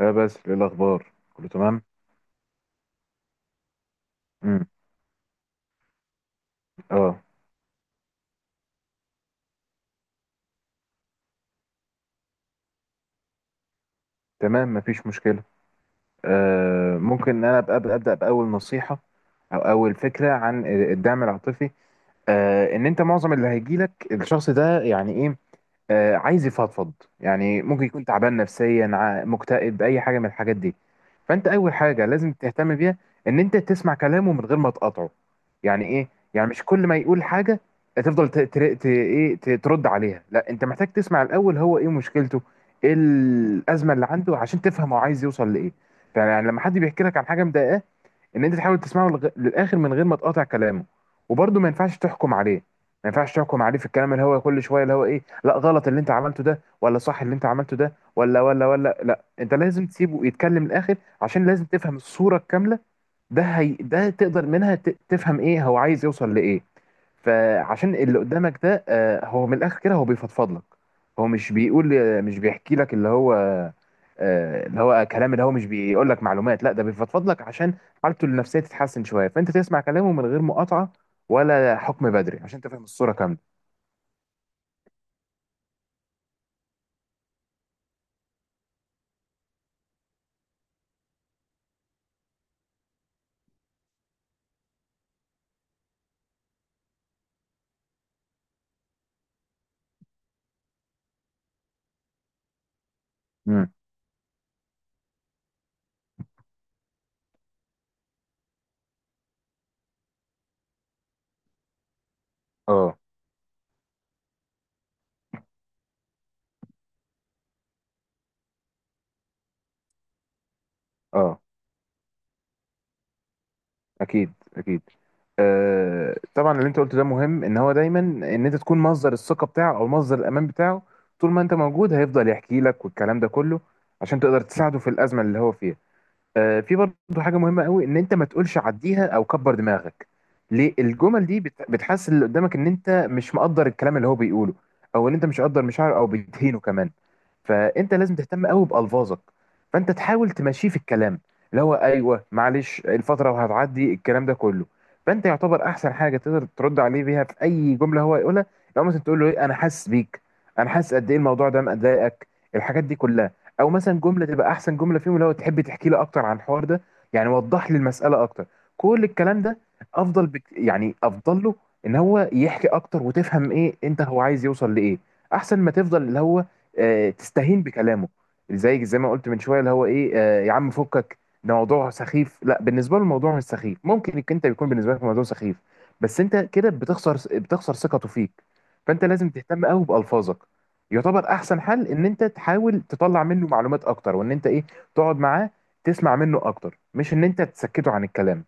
اه بس، ايه الاخبار؟ كله تمام. امم. اه. تمام، مفيش مشكله. ممكن ان انا ابقى ابدا باول نصيحه، او اول فكره عن الدعم العاطفي. ان انت معظم اللي هيجي لك الشخص ده، يعني ايه؟ عايز يفضفض. يعني ممكن يكون تعبان نفسيا، مكتئب، اي حاجه من الحاجات دي. فانت اول حاجه لازم تهتم بيها ان انت تسمع كلامه من غير ما تقاطعه. يعني ايه؟ يعني مش كل ما يقول حاجه تفضل ترد عليها. لا، انت محتاج تسمع الاول هو ايه مشكلته، ايه الازمه اللي عنده، عشان تفهم هو عايز يوصل لايه. يعني لما حد بيحكي لك عن حاجه مضايقاه، ان انت تحاول تسمعه للاخر من غير ما تقاطع كلامه. وبرضه ما ينفعش تحكم عليه. ما ينفعش تحكم عليه في الكلام، اللي هو كل شويه اللي هو ايه، لا غلط اللي انت عملته ده، ولا صح اللي انت عملته ده، ولا ولا ولا، لا انت لازم تسيبه يتكلم للاخر، عشان لازم تفهم الصوره الكامله. ده هي ده تقدر منها تفهم ايه هو عايز يوصل لايه. فعشان اللي قدامك ده، هو من الاخر كده هو بيفضفض لك. هو مش بيقول، مش بيحكي لك اللي هو، اللي هو كلام، اللي هو مش بيقول لك معلومات، لا ده بيفضفض لك عشان حالته النفسيه تتحسن شويه. فانت تسمع كلامه من غير مقاطعه، ولا حكم بدري، عشان تفهم الصوره كامله. امم. اه. اه. اكيد، اكيد. طبعا اللي انت قلته ده مهم، ان هو دايما ان انت تكون مصدر الثقه بتاعه او مصدر الامان بتاعه. طول ما انت موجود هيفضل يحكي لك والكلام ده كله، عشان تقدر تساعده في الازمه اللي هو فيها. في برضه حاجه مهمه قوي، ان انت ما تقولش عديها او كبر دماغك. ليه؟ الجمل دي بتحسس اللي قدامك ان انت مش مقدر الكلام اللي هو بيقوله، او ان انت مش مقدر مشاعره، او بتهينه كمان. فانت لازم تهتم قوي بالفاظك. فانت تحاول تمشيه في الكلام اللي هو ايوه معلش، الفتره وهتعدي، الكلام ده كله. فانت يعتبر احسن حاجه تقدر ترد عليه بيها في اي جمله هو يقولها، لو مثلا تقول له ايه، انا حاسس بيك، انا حاسس قد ايه الموضوع ده مضايقك، الحاجات دي كلها. او مثلا جمله تبقى احسن جمله فيهم، لو تحب تحكي لي اكتر عن الحوار ده، يعني وضح لي المساله اكتر، كل الكلام ده. افضل بك، يعني افضل له ان هو يحكي اكتر، وتفهم ايه انت هو عايز يوصل لايه، احسن ما تفضل اللي هو تستهين بكلامه. زي ما قلت من شويه، اللي هو ايه يا عم فكك، ده موضوع سخيف. لا بالنسبه له الموضوع مش سخيف، ممكن إنك انت يكون بالنسبه لك الموضوع سخيف، بس انت كده بتخسر، بتخسر ثقته فيك. فانت لازم تهتم قوي بالفاظك. يعتبر احسن حل ان انت تحاول تطلع منه معلومات اكتر، وان انت ايه تقعد معاه، تسمع منه اكتر، مش ان انت تسكته عن الكلام.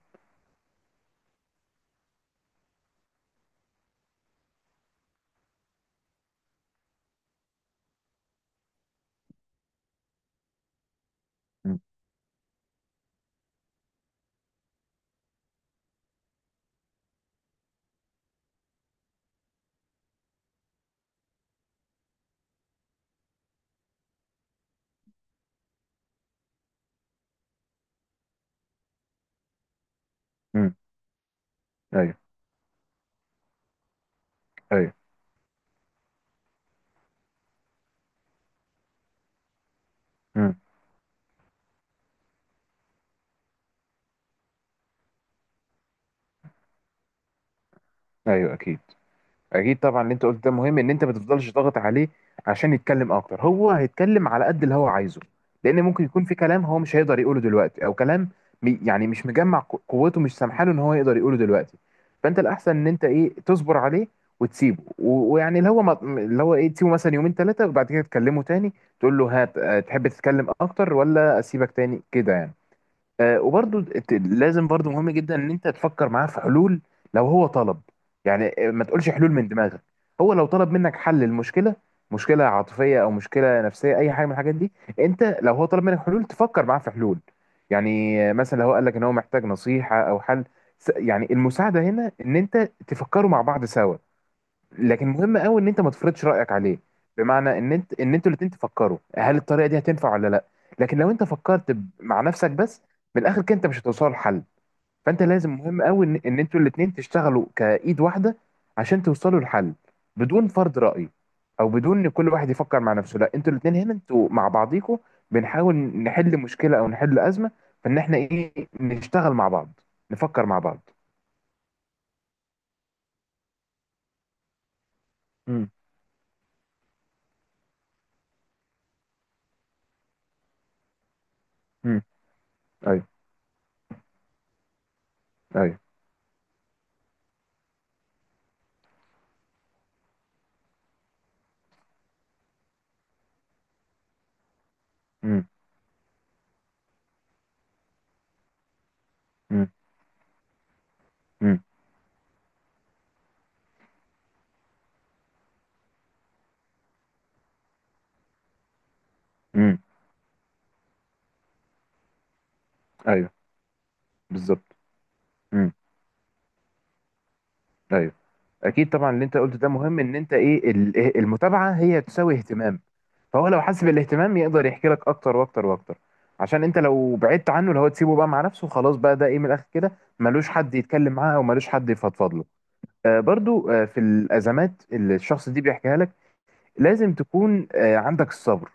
امم. ايوه. ايوه. امم. ايوه. اكيد. اكيد طبعا اللي انت قلت ده مهم، ان انت ما تفضلش ضاغط عليه عشان يتكلم اكتر. هو هيتكلم على قد اللي هو عايزه، لان ممكن يكون في كلام هو مش هيقدر يقوله دلوقتي، او كلام يعني مش مجمع قوته، مش سامحاله ان هو يقدر يقوله دلوقتي. فانت الاحسن ان انت ايه تصبر عليه، وتسيبه ويعني اللي هو اللي هو ايه تسيبه مثلا يومين ثلاثه، وبعد كده تكلمه تاني. تقول له هات، تحب تتكلم اكتر ولا اسيبك تاني كده يعني. وبرضو لازم برضو مهم جدا ان انت تفكر معاه في حلول لو هو طلب. يعني ما تقولش حلول من دماغك. هو لو طلب منك حل المشكله، مشكله عاطفيه او مشكله نفسيه، اي حاجه من الحاجات دي، انت لو هو طلب منك حلول تفكر معاه في حلول. يعني مثلا لو هو قال لك ان هو محتاج نصيحه او حل، يعني المساعده هنا ان انت تفكروا مع بعض سوا. لكن مهم قوي ان انت ما تفرضش رايك عليه، بمعنى ان انتوا الاتنين تفكروا هل الطريقه دي هتنفع ولا لا. لكن لو انت فكرت مع نفسك بس، من الاخر كده انت مش هتوصلوا لحل. فانت لازم مهم قوي ان انتوا الاتنين تشتغلوا كايد واحده عشان توصلوا لحل، بدون فرض راي، او بدون ان كل واحد يفكر مع نفسه. لا انتوا الاتنين هنا، انتوا مع بعضيكوا بنحاول نحل مشكله او نحل ازمه، فان احنا ايه نشتغل مع بعض، نفكر مع بعض. مم. مم. ايوه. ايوه. امم. امم. امم. ايوه. بالظبط. امم. ايوه. اكيد طبعا اللي انت قلته ده مهم، ان انت ايه ال- إيه، المتابعه هي تساوي اهتمام. فهو لو حس بالاهتمام يقدر يحكي لك اكتر واكتر واكتر، عشان انت لو بعدت عنه، اللي هو تسيبه بقى مع نفسه، خلاص بقى ده ايه من الاخر كده ملوش حد يتكلم معاه، او ملوش حد يفضفض له. آه برضو، آه في الازمات اللي الشخص دي بيحكيها لك، لازم تكون آه عندك الصبر.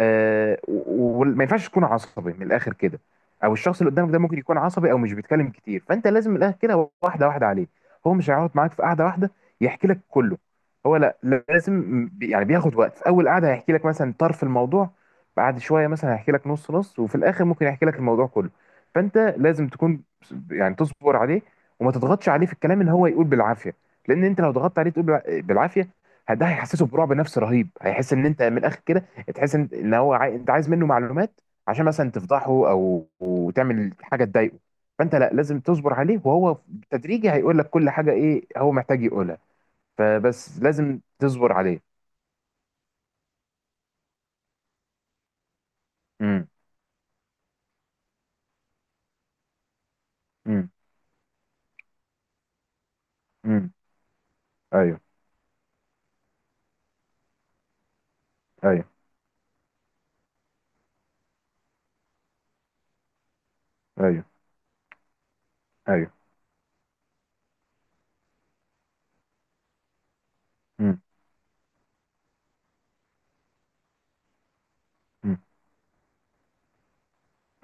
وما ينفعش تكون عصبي من الاخر كده، او الشخص اللي قدامك ده ممكن يكون عصبي او مش بيتكلم كتير، فانت لازم من الاخر كده واحده واحده عليه. هو مش هيقعد معاك في قعده واحده يحكي لك كله. هو لا، لازم يعني بياخد وقت. في اول قعده هيحكي لك مثلا طرف الموضوع، بعد شويه مثلا هيحكي لك نص نص، وفي الاخر ممكن يحكي لك الموضوع كله. فانت لازم تكون يعني تصبر عليه، وما تضغطش عليه في الكلام ان هو يقول بالعافيه. لان انت لو ضغطت عليه تقول بالعافيه، ده هيحسسه برعب نفسي رهيب. هيحس ان انت من الاخر كده تحس ان هو انت عايز منه معلومات، عشان مثلا تفضحه او تعمل حاجه تضايقه. فانت لا لازم تصبر عليه، وهو تدريجي هيقول لك كل حاجه ايه هو محتاج يقولها. فبس لازم تصبر عليه. امم. امم. امم. ايوه. ايوه. ايوه. ايوه. امم. امم.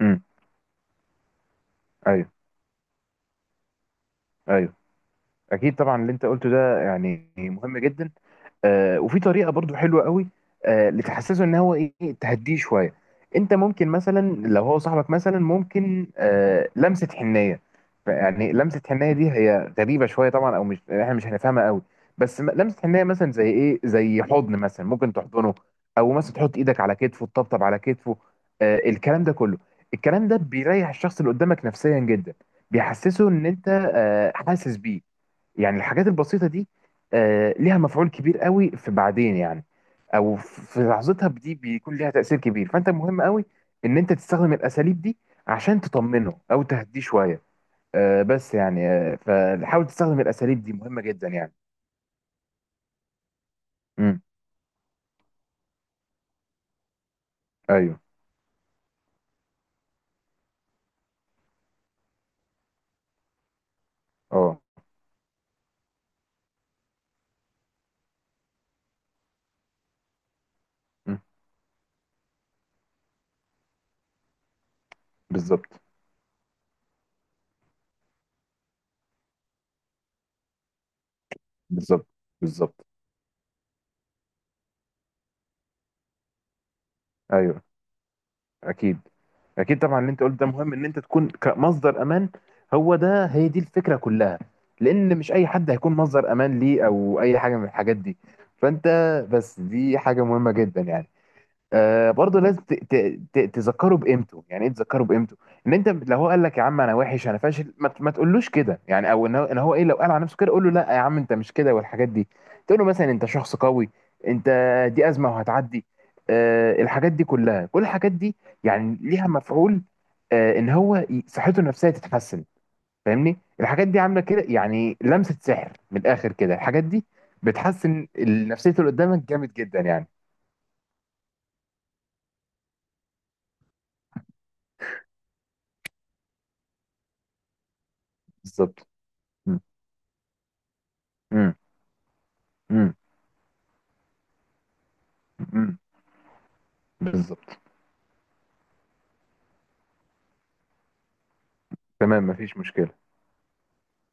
أمم. ايوه. ايوه. اكيد طبعا اللي انت قلته ده يعني مهم جدا. وفي طريقه برضو حلوه قوي، لتحسسه ان هو ايه تهديه شويه. انت ممكن مثلا لو هو صاحبك مثلا ممكن لمسه حنيه. يعني لمسه حنيه دي هي غريبه شويه طبعا، او مش احنا مش هنفهمها قوي. بس لمسه حنيه مثلا زي ايه، زي حضن مثلا، ممكن تحضنه، او مثلا تحط ايدك على كتفه، تطبطب على كتفه، الكلام ده كله. الكلام ده بيريح الشخص اللي قدامك نفسيا جدا، بيحسسه ان انت حاسس بيه. يعني الحاجات البسيطة دي ليها مفعول كبير قوي في بعدين يعني، او في لحظتها دي بيكون ليها تأثير كبير. فانت مهم قوي ان انت تستخدم الاساليب دي عشان تطمنه او تهديه شوية. بس يعني فحاول تستخدم الاساليب دي، مهمة جدا يعني. امم. ايوه. اه. مم. بالظبط. بالظبط. بالظبط. ايوه. اكيد. اكيد طبعا اللي انت قلت ده مهم، ان انت تكون كمصدر امان. هو ده هي دي الفكره كلها، لان مش اي حد هيكون مصدر امان ليه او اي حاجه من الحاجات دي. فانت بس دي حاجه مهمه جدا يعني. آه برضه لازم تذكره بقيمته. يعني ايه تذكره بقيمته؟ ان انت لو هو قال لك يا عم انا وحش انا فاشل، ما تقولوش كده يعني، او ان هو إن هو ايه لو قال على نفسه كده، قول له لا يا عم انت مش كده، والحاجات دي. تقول له مثلا انت شخص قوي، انت دي ازمه وهتعدي. آه الحاجات دي كلها، كل الحاجات دي يعني ليها مفعول، آه ان هو صحته النفسيه تتحسن. فاهمني الحاجات دي عامله كده، يعني لمسه سحر من الاخر كده الحاجات دي بتحسن نفسيه اللي قدامك جامد جدا يعني. بالظبط. م. م. امم. امم. بالظبط. تمام، مفيش مشكلة.